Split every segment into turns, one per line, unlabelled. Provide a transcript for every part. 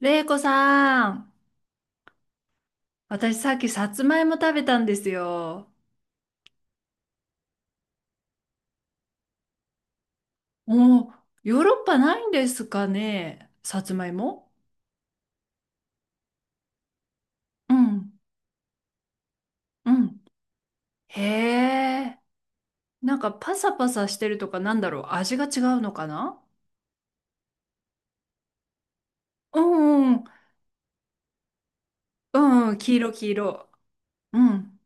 れいこさん、私さっきさつまいも食べたんですよ。おー、ヨーロッパないんですかね、さつまいも。うん、うん。へえ、なんかパサパサしてるとかなんだろう、味が違うのかな。うんうん、うんうん、黄色黄色。うん。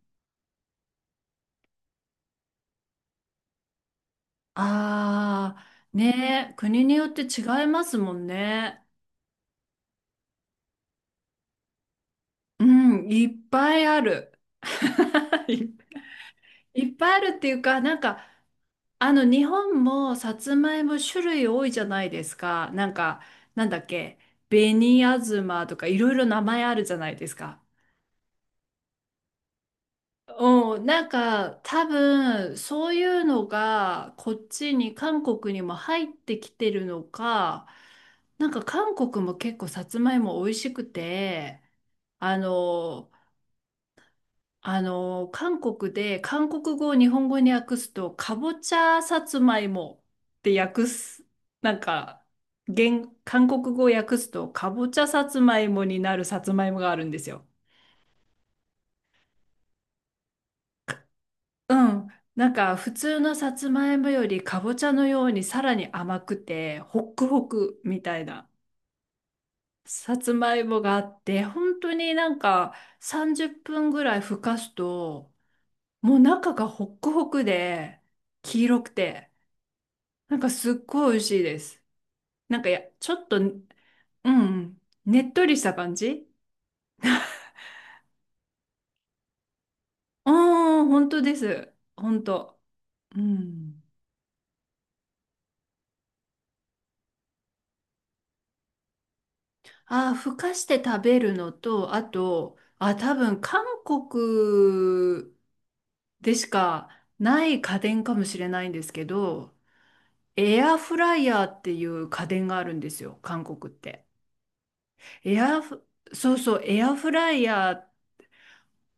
あー、ねえ、国によって違いますもんね。うん、いっぱいある。いっぱいあるっていうか、なんか、日本もさつまいも種類多いじゃないですか。なんか、なんだっけ、紅あずまとかいろいろ名前あるじゃないですか。うん、なんか多分そういうのがこっちに韓国にも入ってきてるのか、なんか韓国も結構さつまいも美味しくて、あの、韓国で韓国語を日本語に訳すと、かぼちゃさつまいもって訳す、なんか、現、韓国語を訳すと、かぼちゃさつまいもになるさつまいもがあるんですよ。うん。なんか、普通のさつまいもよりかぼちゃのようにさらに甘くて、ホックホクみたいなさつまいもがあって、本当になんか30分ぐらいふかすと、もう中がホックホクで、黄色くて、なんかすっごい美味しいです。なんかや、ちょっと、うん、うん、ねっとりした感じ。ああ本当です。本当。うん。ああ、ふかして食べるのと、あと、あ、多分韓国でしかない家電かもしれないんですけど、エアフライヤーっていう家電があるんですよ、韓国って。エアフ、そうそう、エアフライヤー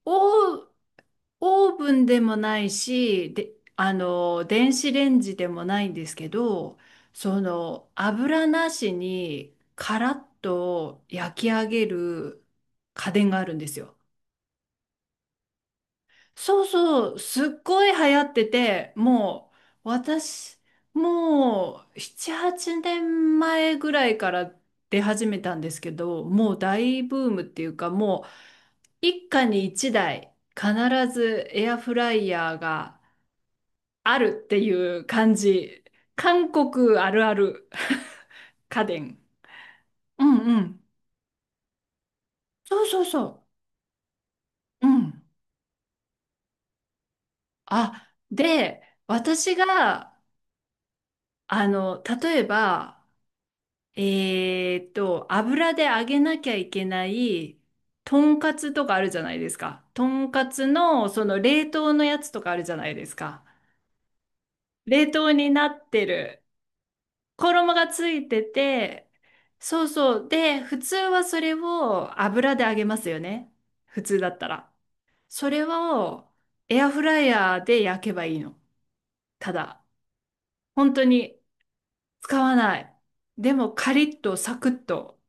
を、オーブンでもないし、で、電子レンジでもないんですけど、その、油なしにカラッと焼き上げる家電があるんですよ。そうそう、すっごい流行ってて、もう、私、もう、7、8年前ぐらいから出始めたんですけど、もう大ブームっていうか、もう、一家に一台必ずエアフライヤーがあるっていう感じ。韓国あるある 家電。うんうん。そうそうそう。うん。あ、で、私が、例えば、油で揚げなきゃいけない、とんかつとかあるじゃないですか。とんかつの、その冷凍のやつとかあるじゃないですか。冷凍になってる。衣がついてて、そうそう。で、普通はそれを油で揚げますよね。普通だったら。それをエアフライヤーで焼けばいいの。ただ、本当に使わない。でもカリッとサクッと。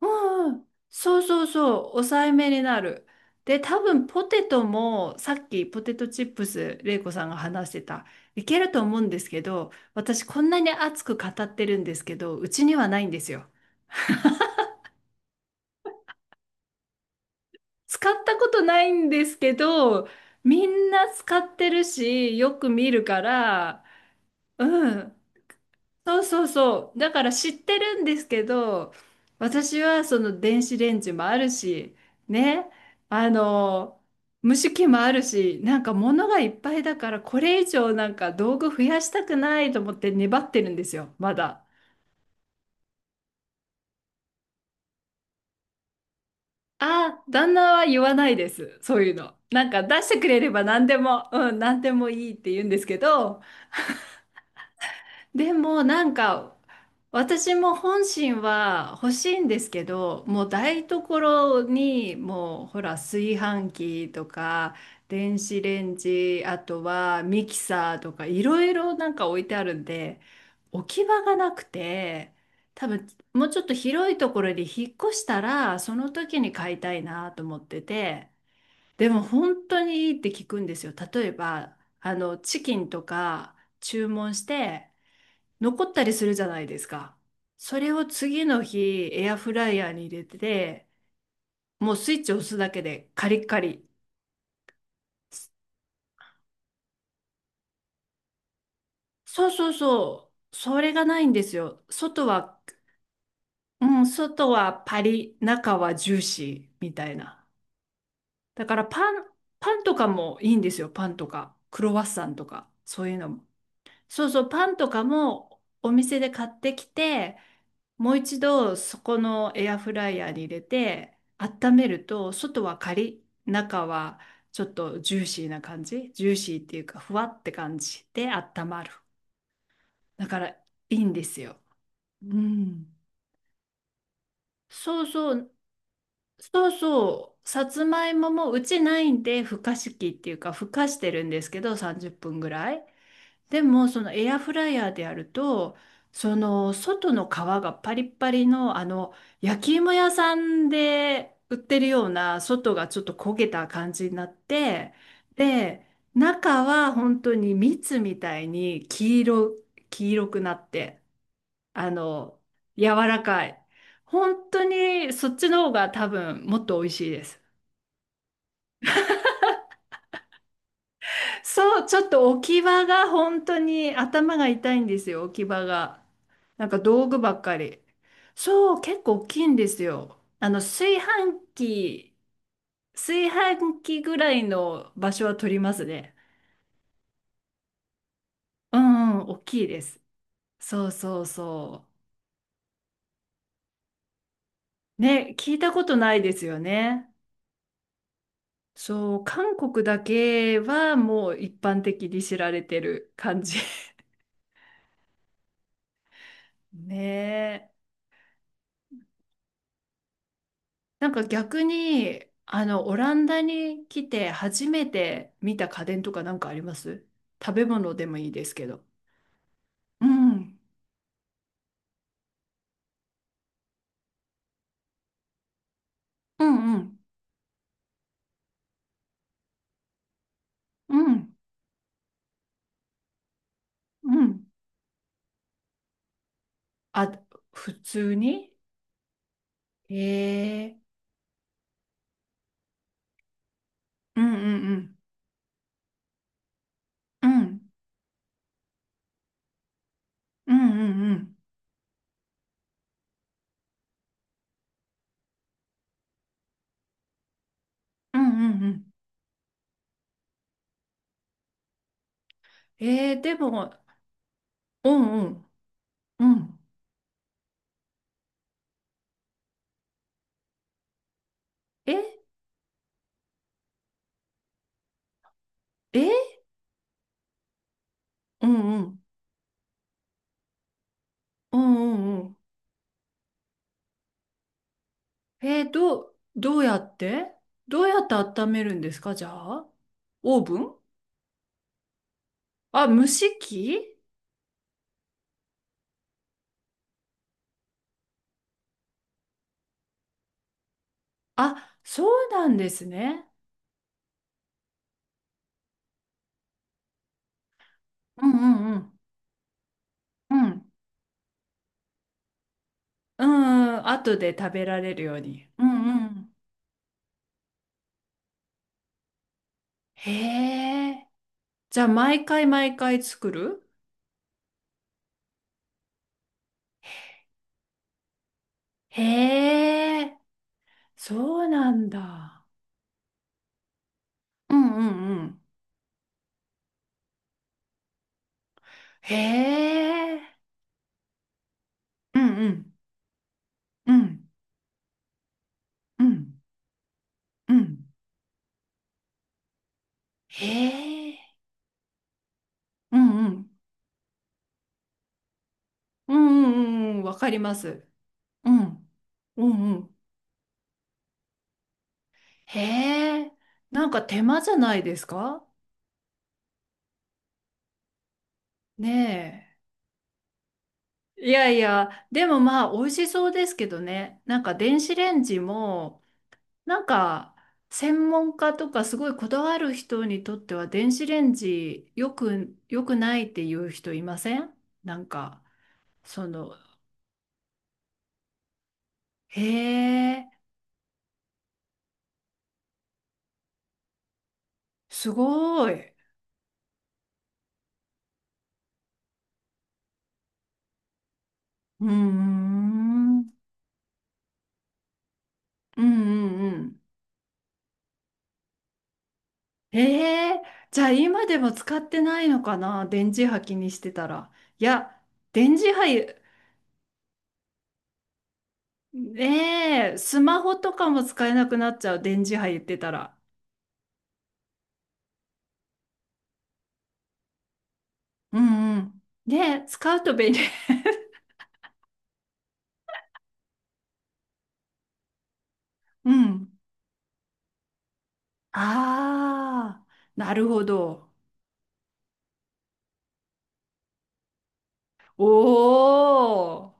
うんうん。そうそうそう。抑えめになる。で、多分ポテトもさっきポテトチップス、れいこさんが話してた。いけると思うんですけど、私こんなに熱く語ってるんですけど、うちにはないんですよ。使ったことないんですけど、みんな使ってるし、よく見るから、うん。そうそうそう。だから知ってるんですけど、私はその電子レンジもあるし、ね。あの、蒸し器もあるし、なんか物がいっぱいだから、これ以上なんか道具増やしたくないと思って粘ってるんですよ、まだ。ああ、旦那は言わないです。そういうの。なんか出してくれれば何でも、うん、何でもいいって言うんですけど、でもなんか私も本心は欲しいんですけど、もう台所にもうほら炊飯器とか電子レンジ、あとはミキサーとかいろいろなんか置いてあるんで、置き場がなくて、多分もうちょっと広いところに引っ越したらその時に買いたいなと思ってて、でも本当にいいって聞くんですよ。例えばあのチキンとか注文して残ったりするじゃないですか。それを次の日、エアフライヤーに入れて、もうスイッチを押すだけでカリッカリ。そうそうそう。それがないんですよ。外は、うん、外はパリ、中はジューシーみたいな。だからパン、パンとかもいいんですよ。パンとか。クロワッサンとか。そういうのも。そうそう、パンとかもお店で買ってきて、もう一度そこのエアフライヤーに入れて温めると、外はカリッ、中はちょっとジューシーな感じ。ジューシーっていうか、ふわって感じで温まる。だからいいんですよ。うん。そうそう、そうそう。さつまいももうちないんで、ふかし器っていうか、ふかしてるんですけど、30分ぐらい。でもそのエアフライヤーでやると、その外の皮がパリッパリの、あの焼き芋屋さんで売ってるような、外がちょっと焦げた感じになって、で中は本当に蜜みたいに黄色、黄色くなって、あの柔らかい、本当にそっちの方が多分もっと美味しいです。そう、ちょっと置き場が本当に頭が痛いんですよ、置き場が。なんか道具ばっかり。そう、結構大きいんですよ。炊飯器、炊飯器ぐらいの場所は取りますね。うんうん、大きいです。そうそうそう。ね、聞いたことないですよね。そう、韓国だけはもう一般的に知られてる感じ。ねえ。なんか逆に、オランダに来て初めて見た家電とかなんかあります？食べ物でもいいですけど。うん。うんうん。うん。うん。あ、普通に、ええー。うんうんうん。うんうんうんうん。うんうんうん。えー、でも、うんうん。うん。ええ、うんうん。うんうんうん。えー、どう、どうやって、どうやって温めるんですかじゃあ？オーブン？あ、蒸し器？あ、そうなんですね。うんうんうん。うん。うんうん、後で食べられるように。うんうん。へえ。じゃあ、毎回毎回作る？へえ。そうなんだ。うんうんうん。へえ。うんうんうんうんうん。へえ。うんうんうんうんうん。わかります。うんうんうん。へえ。なんか手間じゃないですか？ねえ。いやいや、でもまあ、美味しそうですけどね。なんか電子レンジも、なんか、専門家とかすごいこだわる人にとっては電子レンジよく、よくないっていう人いません？なんか、その、へえ、すごい。うーん、うんうんうん。へえ、じゃあ今でも使ってないのかな、電磁波気にしてたら。いや、電磁波、ねえ、スマホとかも使えなくなっちゃう、電磁波言ってたら。うんうん。ねえ、使うと便利。うん。ああ、なるほど。おー、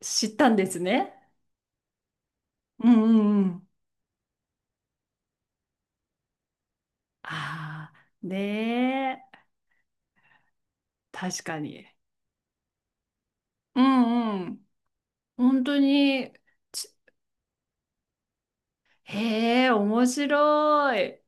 知ったんですね。うんうんうん。ああ、ねえ、確かに。うんうん。本当に、ち、へえ、面白い。